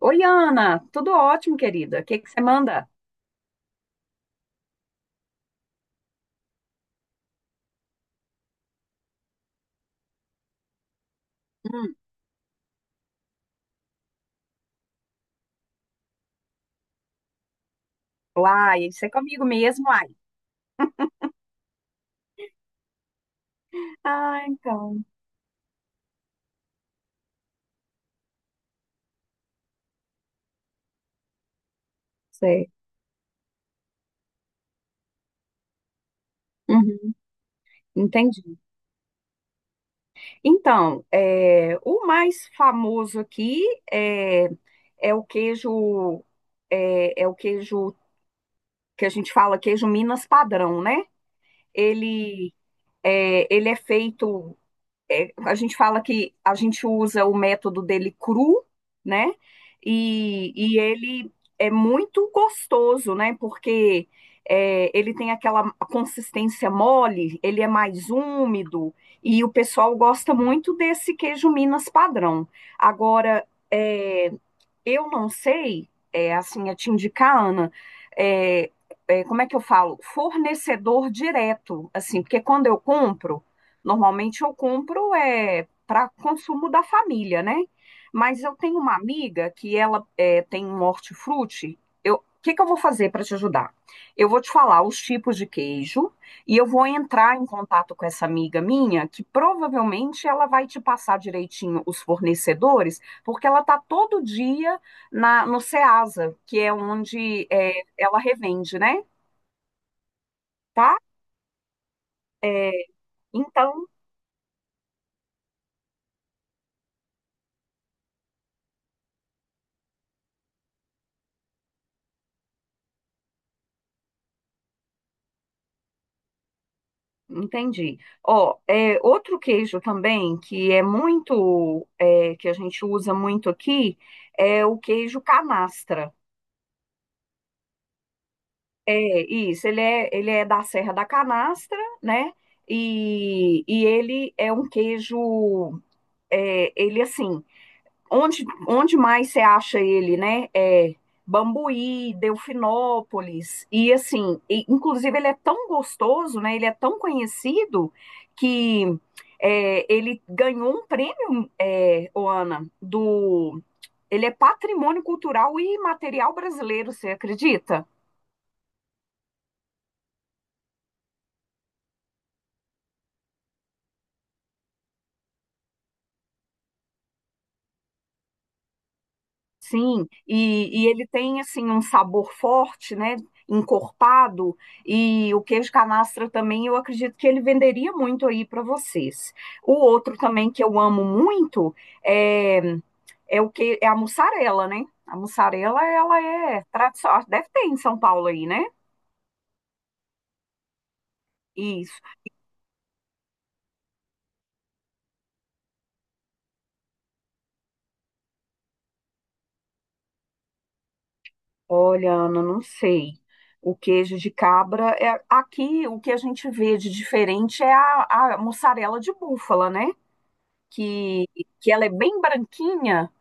Oi, Ana, tudo ótimo, querida. O que que você manda? Hum. Uai, isso é comigo mesmo, ai. Ah, então, sei. Uhum, entendi. Então, o mais famoso aqui é, é o queijo, é o queijo que a gente fala queijo Minas padrão, né? Ele ele é feito, a gente fala que a gente usa o método dele cru, né? E ele é muito gostoso, né? Porque ele tem aquela consistência mole, ele é mais úmido, e o pessoal gosta muito desse queijo Minas padrão. Agora, eu não sei, assim, te indicar, Ana, é, como é que eu falo? Fornecedor direto, assim, porque quando eu compro, normalmente eu compro para consumo da família, né? Mas eu tenho uma amiga que ela tem um hortifruti. O que que eu vou fazer para te ajudar? Eu vou te falar os tipos de queijo e eu vou entrar em contato com essa amiga minha, que provavelmente ela vai te passar direitinho os fornecedores, porque ela está todo dia no Ceasa, que é onde ela revende, né? Tá? É, Então, entendi. Ó, outro queijo também que é muito, que a gente usa muito aqui, é o queijo canastra. É isso, ele é da Serra da Canastra, né? E ele é um queijo, é, ele assim, onde mais você acha ele, né? Bambuí, Delfinópolis, e assim, e, inclusive ele é tão gostoso, né? Ele é tão conhecido que ele ganhou um prêmio, é, ô do. Ele é patrimônio cultural e material brasileiro, você acredita? Sim, e ele tem assim um sabor forte, né? Encorpado, e o queijo canastra também eu acredito que ele venderia muito aí para vocês. O outro também que eu amo muito é, é o que é a mussarela, né? A mussarela ela é tradicional, deve ter em São Paulo aí, né? Isso. Olha, Ana, não sei. O queijo de cabra é aqui o que a gente vê de diferente é a mussarela de búfala, né? que, que ela é bem branquinha,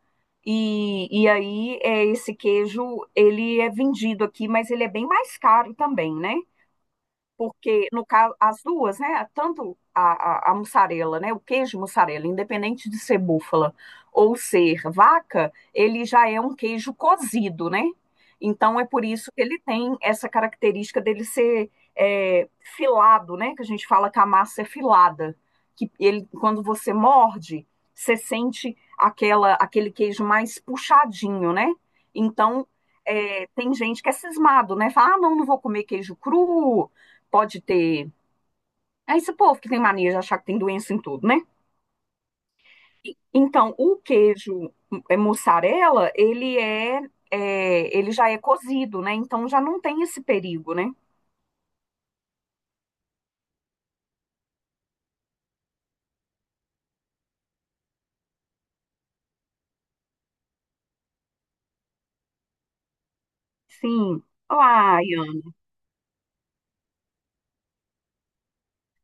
e aí esse queijo, ele é vendido aqui, mas ele é bem mais caro também, né? Porque no caso as duas, né, tanto a mussarela, né, o queijo mussarela, independente de ser búfala ou ser vaca, ele já é um queijo cozido, né? Então é por isso que ele tem essa característica dele ser filado, né? Que a gente fala que a massa é filada, que ele quando você morde, você sente aquela aquele queijo mais puxadinho, né? Então tem gente que é cismado, né? Fala, ah, não, não vou comer queijo cru, pode ter. É esse povo que tem mania de achar que tem doença em tudo, né? Então, o queijo mussarela, ele já é cozido, né? Então já não tem esse perigo, né? Sim. Olá, Ian.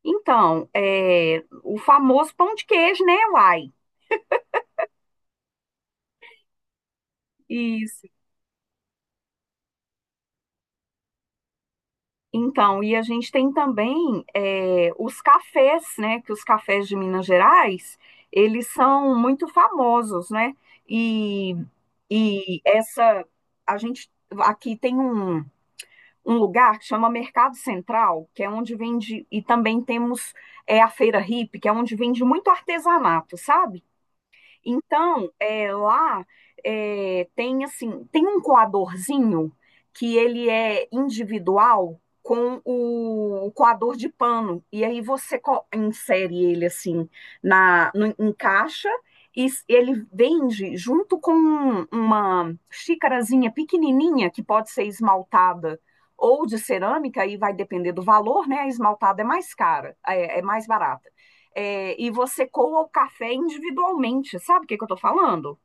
Então, o famoso pão de queijo, né, uai? Isso. Então, e a gente tem também os cafés, né? Que os cafés de Minas Gerais, eles são muito famosos, né? E, e essa, a gente aqui tem um lugar que chama Mercado Central, que é onde vende, e também temos a Feira Hippie, que é onde vende muito artesanato, sabe? Então, lá tem assim, tem um coadorzinho que ele é individual com o coador de pano. E aí você insere ele assim na no- em caixa e ele vende junto com uma xícarazinha pequenininha que pode ser esmaltada ou de cerâmica, aí vai depender do valor, né? A esmaltada é mais cara, é mais barata, e você coa o café individualmente, sabe o que que eu tô falando?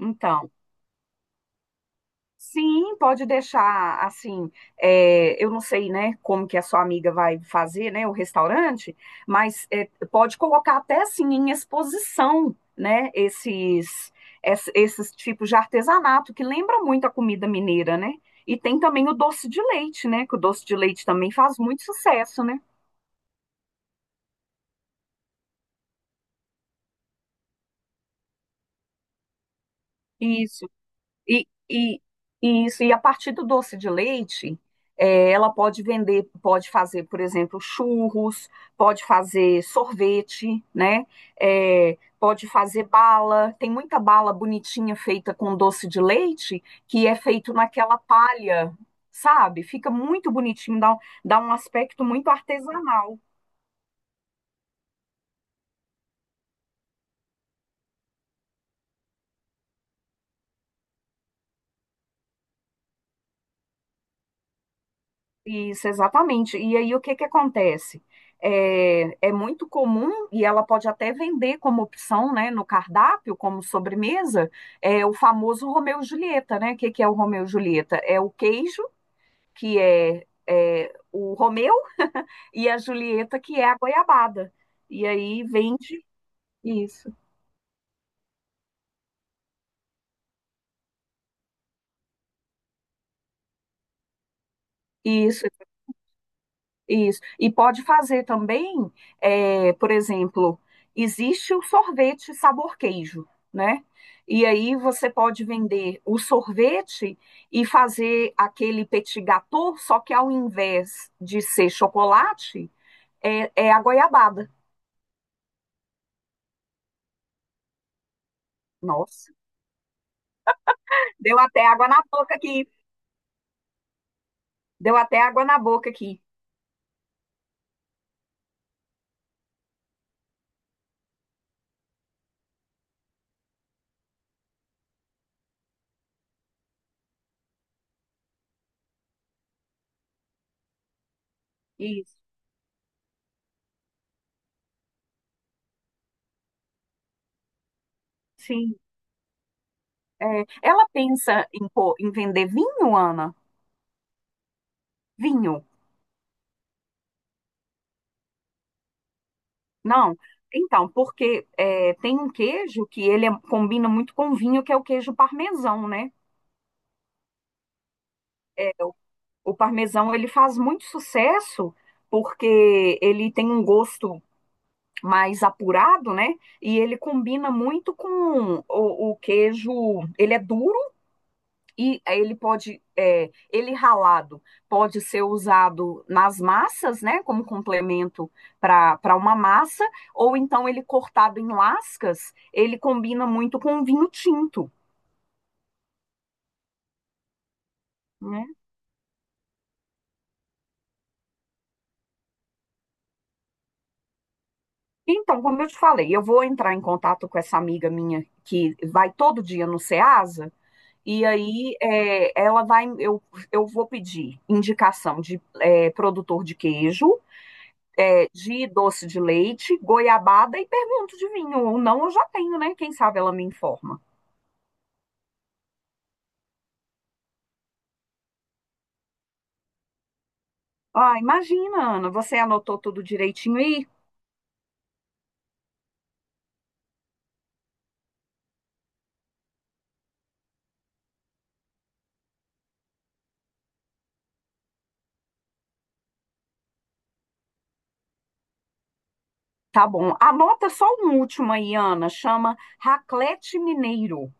Então, sim, pode deixar assim, eu não sei, né, como que a sua amiga vai fazer, né, o restaurante, mas pode colocar até assim em exposição, né, esses tipos de artesanato que lembra muito a comida mineira, né? E tem também o doce de leite, né? Que o doce de leite também faz muito sucesso, né? Isso. E, e, e isso, e a partir do doce de leite, ela pode vender, pode fazer, por exemplo, churros, pode fazer sorvete, né? Pode fazer bala. Tem muita bala bonitinha feita com doce de leite, que é feito naquela palha, sabe? Fica muito bonitinho, dá um aspecto muito artesanal. Isso, exatamente. E aí o que que acontece? É muito comum, e ela pode até vender como opção, né, no cardápio, como sobremesa, é o famoso Romeu e Julieta, né? O que que é o Romeu e Julieta? É o queijo, que é o Romeu, e a Julieta, que é a goiabada. E aí vende isso. Isso. Isso. E pode fazer também, por exemplo, existe o sorvete sabor queijo, né? E aí você pode vender o sorvete e fazer aquele petit gâteau, só que ao invés de ser chocolate, é a goiabada. Nossa, deu até água na boca aqui. Deu até água na boca aqui. Isso. Sim. Ela pensa em, pô, em vender vinho, Ana? Vinho. Não, então, porque tem um queijo que combina muito com vinho, que é o queijo parmesão, né? É, o, o parmesão ele faz muito sucesso porque ele tem um gosto mais apurado, né? E ele combina muito com o queijo. Ele é duro e ele ralado pode ser usado nas massas, né, como complemento para uma massa, ou então ele cortado em lascas, ele combina muito com vinho tinto, né? Então, como eu te falei, eu vou entrar em contato com essa amiga minha que vai todo dia no Ceasa, e aí eu vou pedir indicação de produtor de queijo, de doce de leite, goiabada e pergunto de vinho. Ou não, eu já tenho, né? Quem sabe ela me informa. Ah, imagina, Ana, você anotou tudo direitinho aí? Tá bom. Anota só um último aí, Ana. Chama Raclete Mineiro.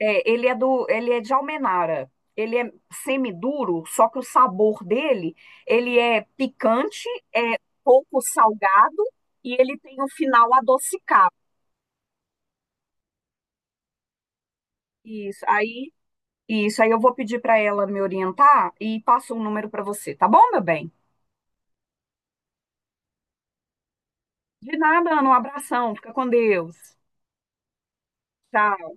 Ele é de Almenara. Ele é semiduro, só que o sabor dele, ele é picante, é pouco salgado e ele tem um final adocicado. Isso. Aí Isso, aí eu vou pedir para ela me orientar e passo o número para você, tá bom, meu bem? De nada, Ana, um abração, fica com Deus. Tchau.